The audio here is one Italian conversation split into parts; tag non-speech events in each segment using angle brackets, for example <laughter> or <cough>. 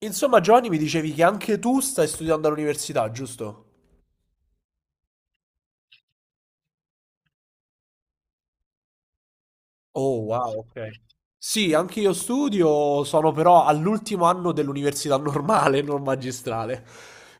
Insomma, Giovanni, mi dicevi che anche tu stai studiando all'università, giusto? Oh, wow, ok. Sì, anche io studio, sono però all'ultimo anno dell'università normale, non magistrale.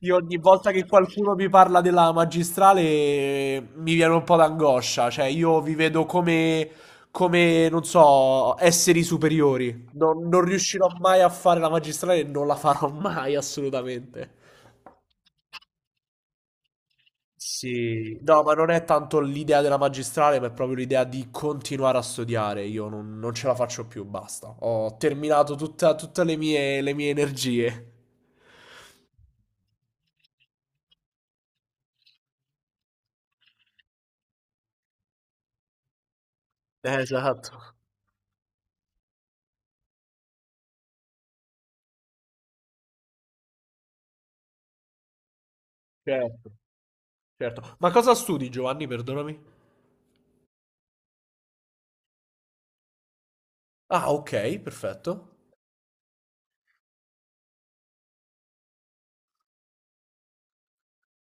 Io ogni volta che qualcuno mi parla della magistrale mi viene un po' d'angoscia, cioè io vi vedo come, come, non so, esseri superiori. Non riuscirò mai a fare la magistrale e non la farò mai, assolutamente. Sì, no, ma non è tanto l'idea della magistrale, ma è proprio l'idea di continuare a studiare. Io non, non ce la faccio più, basta. Ho terminato tutte le mie energie. Esatto, certo, certo. Ma cosa studi, Giovanni? Perdonami. Ah, ok, perfetto.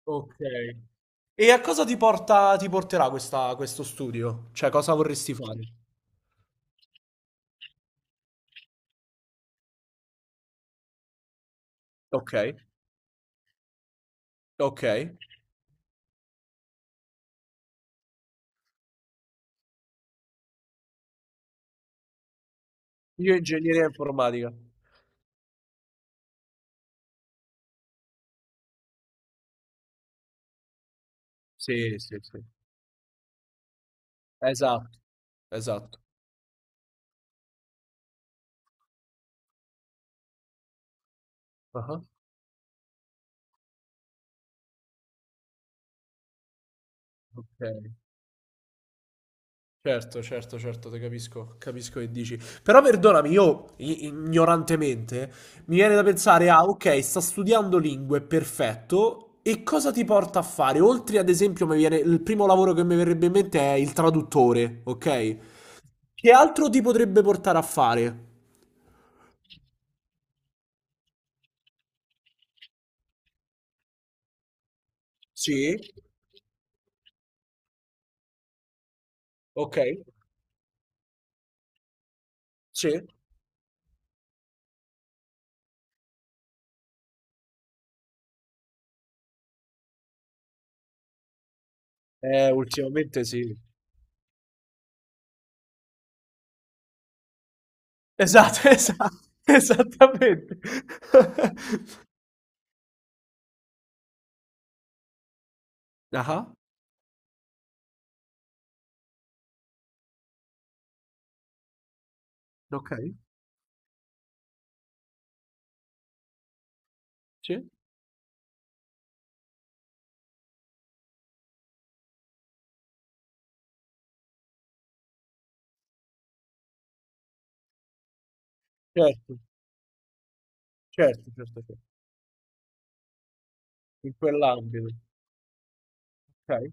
Ok. E a cosa ti porta, ti porterà questo studio? Cioè, cosa vorresti fare? Ok, ok. Io ingegneria informatica. Sì, sì, sì. Esatto, esatto. Okay. Certo, certo, certo, te capisco, capisco che dici. Però perdonami, io i ignorantemente mi viene da pensare: "Ah, okay, sta studiando lingue, perfetto, e cosa ti porta a fare?" Oltre ad esempio mi viene il primo lavoro che mi verrebbe in mente è il traduttore, okay? Che altro ti potrebbe portare a fare? Sì, okay, sì. Ultimamente sì. Esatto, <laughs> esattamente. <laughs> Ah-ah, okay, sì, certo. Certo, certo, certo. In quell'ambito, okay.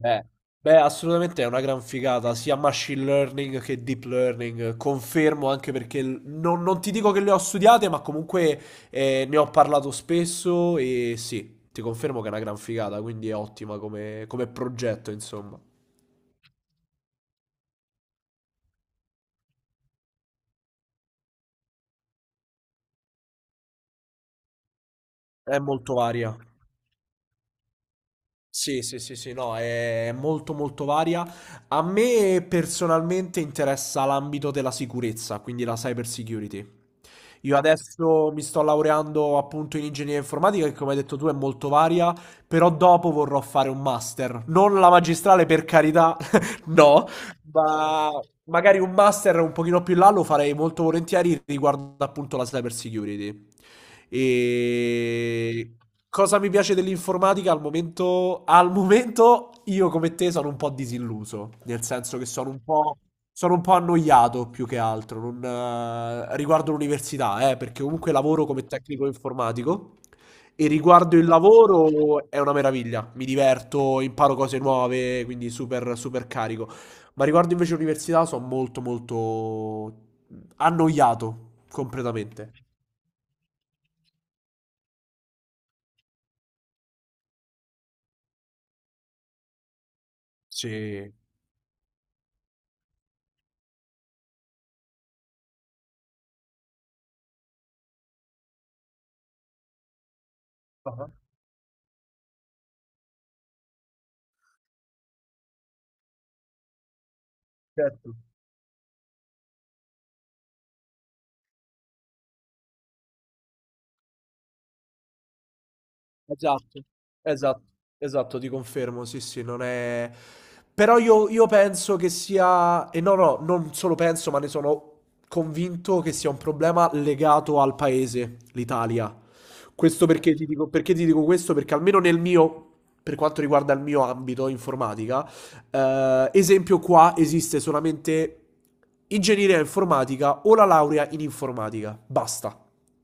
Eh. Beh, assolutamente è una gran figata, sia machine learning che deep learning, confermo anche perché non ti dico che le ho studiate, ma comunque ne ho parlato spesso e sì, ti confermo che è una gran figata, quindi è ottima come, come progetto, insomma. È molto varia. Sì, sì, sì, sì, no, è molto molto varia. A me personalmente interessa l'ambito della sicurezza, quindi la cyber security. Io adesso mi sto laureando appunto in ingegneria informatica, che come hai detto tu è molto varia, però dopo vorrò fare un master. Non la magistrale per carità, <laughs> no, ma magari un master un pochino più in là lo farei molto volentieri riguardo appunto la cyber security. E cosa mi piace dell'informatica al momento? Al momento io come te sono un po' disilluso, nel senso che sono un po' annoiato più che altro non, riguardo l'università, perché comunque lavoro come tecnico informatico. E riguardo il lavoro è una meraviglia, mi diverto, imparo cose nuove, quindi super, super carico. Ma riguardo invece l'università sono molto molto annoiato completamente. Sì. Ah, certo. Esatto, esat esatto, ti confermo, sì, sì, non è però io penso che sia e no, no, non solo penso, ma ne sono convinto che sia un problema legato al paese, l'Italia. Questo perché ti dico questo? Perché almeno nel mio per quanto riguarda il mio ambito informatica, esempio qua esiste solamente ingegneria informatica o la laurea in informatica, basta,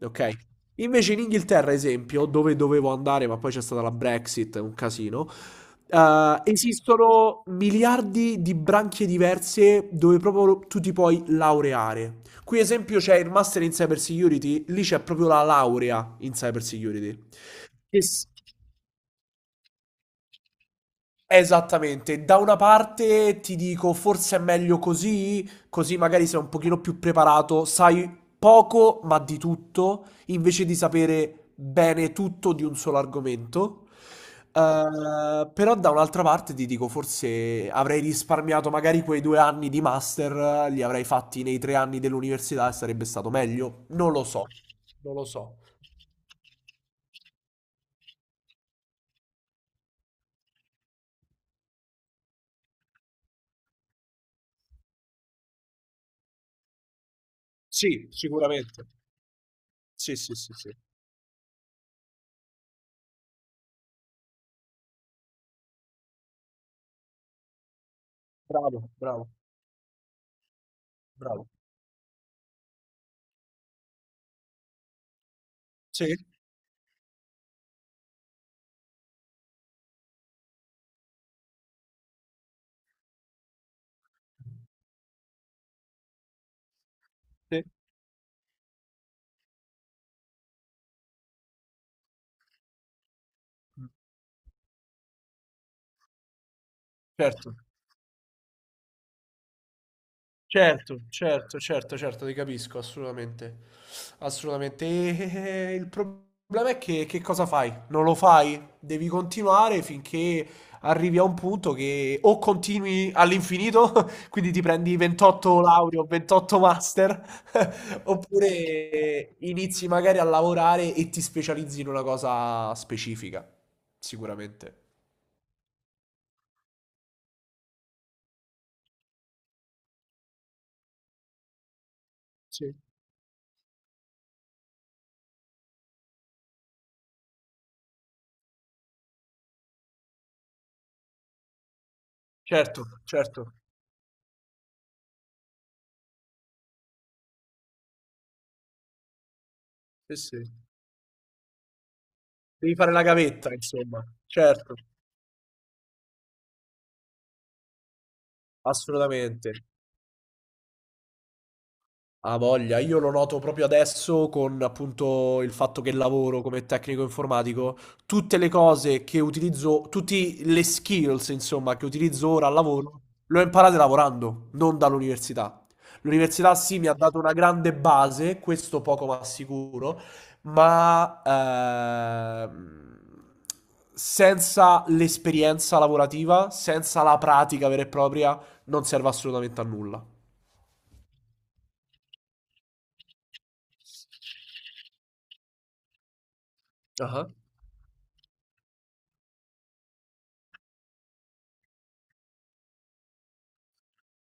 okay? Invece in Inghilterra, esempio, dove dovevo andare, ma poi c'è stata la Brexit, un casino, esistono miliardi di branche diverse dove proprio tu ti puoi laureare. Qui, esempio, c'è il Master in Cyber Security, lì c'è proprio la laurea in Cyber Security. Che s- Esattamente, da una parte ti dico forse è meglio così, così magari sei un pochino più preparato, sai poco ma di tutto, invece di sapere bene tutto di un solo argomento. Però da un'altra parte ti dico forse avrei risparmiato magari quei due anni di master, li avrei fatti nei tre anni dell'università e sarebbe stato meglio. Non lo so, non lo so. Sì, sicuramente. Sì, sì, sì, sì. Bravo, bravo, bravo. Sì. Sì. Certo, certo, certo, certo, certo, ti capisco, assolutamente. Assolutamente. E il problema è che cosa fai? Non lo fai? Devi continuare finché arrivi a un punto che o continui all'infinito, <laughs> quindi ti prendi 28 lauree o 28 master, <laughs> oppure inizi magari a lavorare e ti specializzi in una cosa specifica, sicuramente. Sì, certo, certo. Sì, sì. Devi fare la gavetta, insomma. Certo, assolutamente. Ha voglia, io lo noto proprio adesso con appunto il fatto che lavoro come tecnico informatico, tutte le cose che utilizzo, tutte le skills insomma che utilizzo ora al lavoro, le ho imparate lavorando, non dall'università. L'università sì mi ha dato una grande base, questo poco ma sicuro, ma senza l'esperienza lavorativa, senza la pratica vera e propria, non serve assolutamente a nulla. Ah,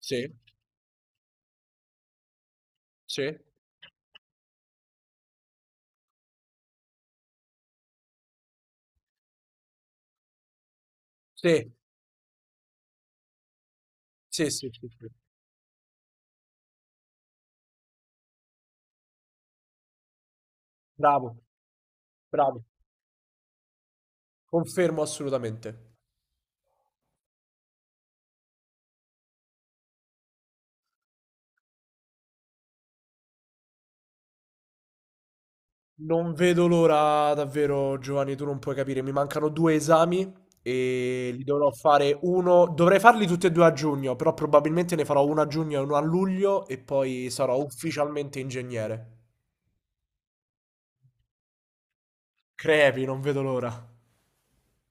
sì. Sì, sì, sì, sì, sì, sì. Bravo, bravo. Confermo assolutamente. Non vedo l'ora davvero, Giovanni, tu non puoi capire. Mi mancano due esami e li dovrò fare uno. Dovrei farli tutti e due a giugno, però probabilmente ne farò uno a giugno e uno a luglio e poi sarò ufficialmente ingegnere. Crepi, non vedo l'ora.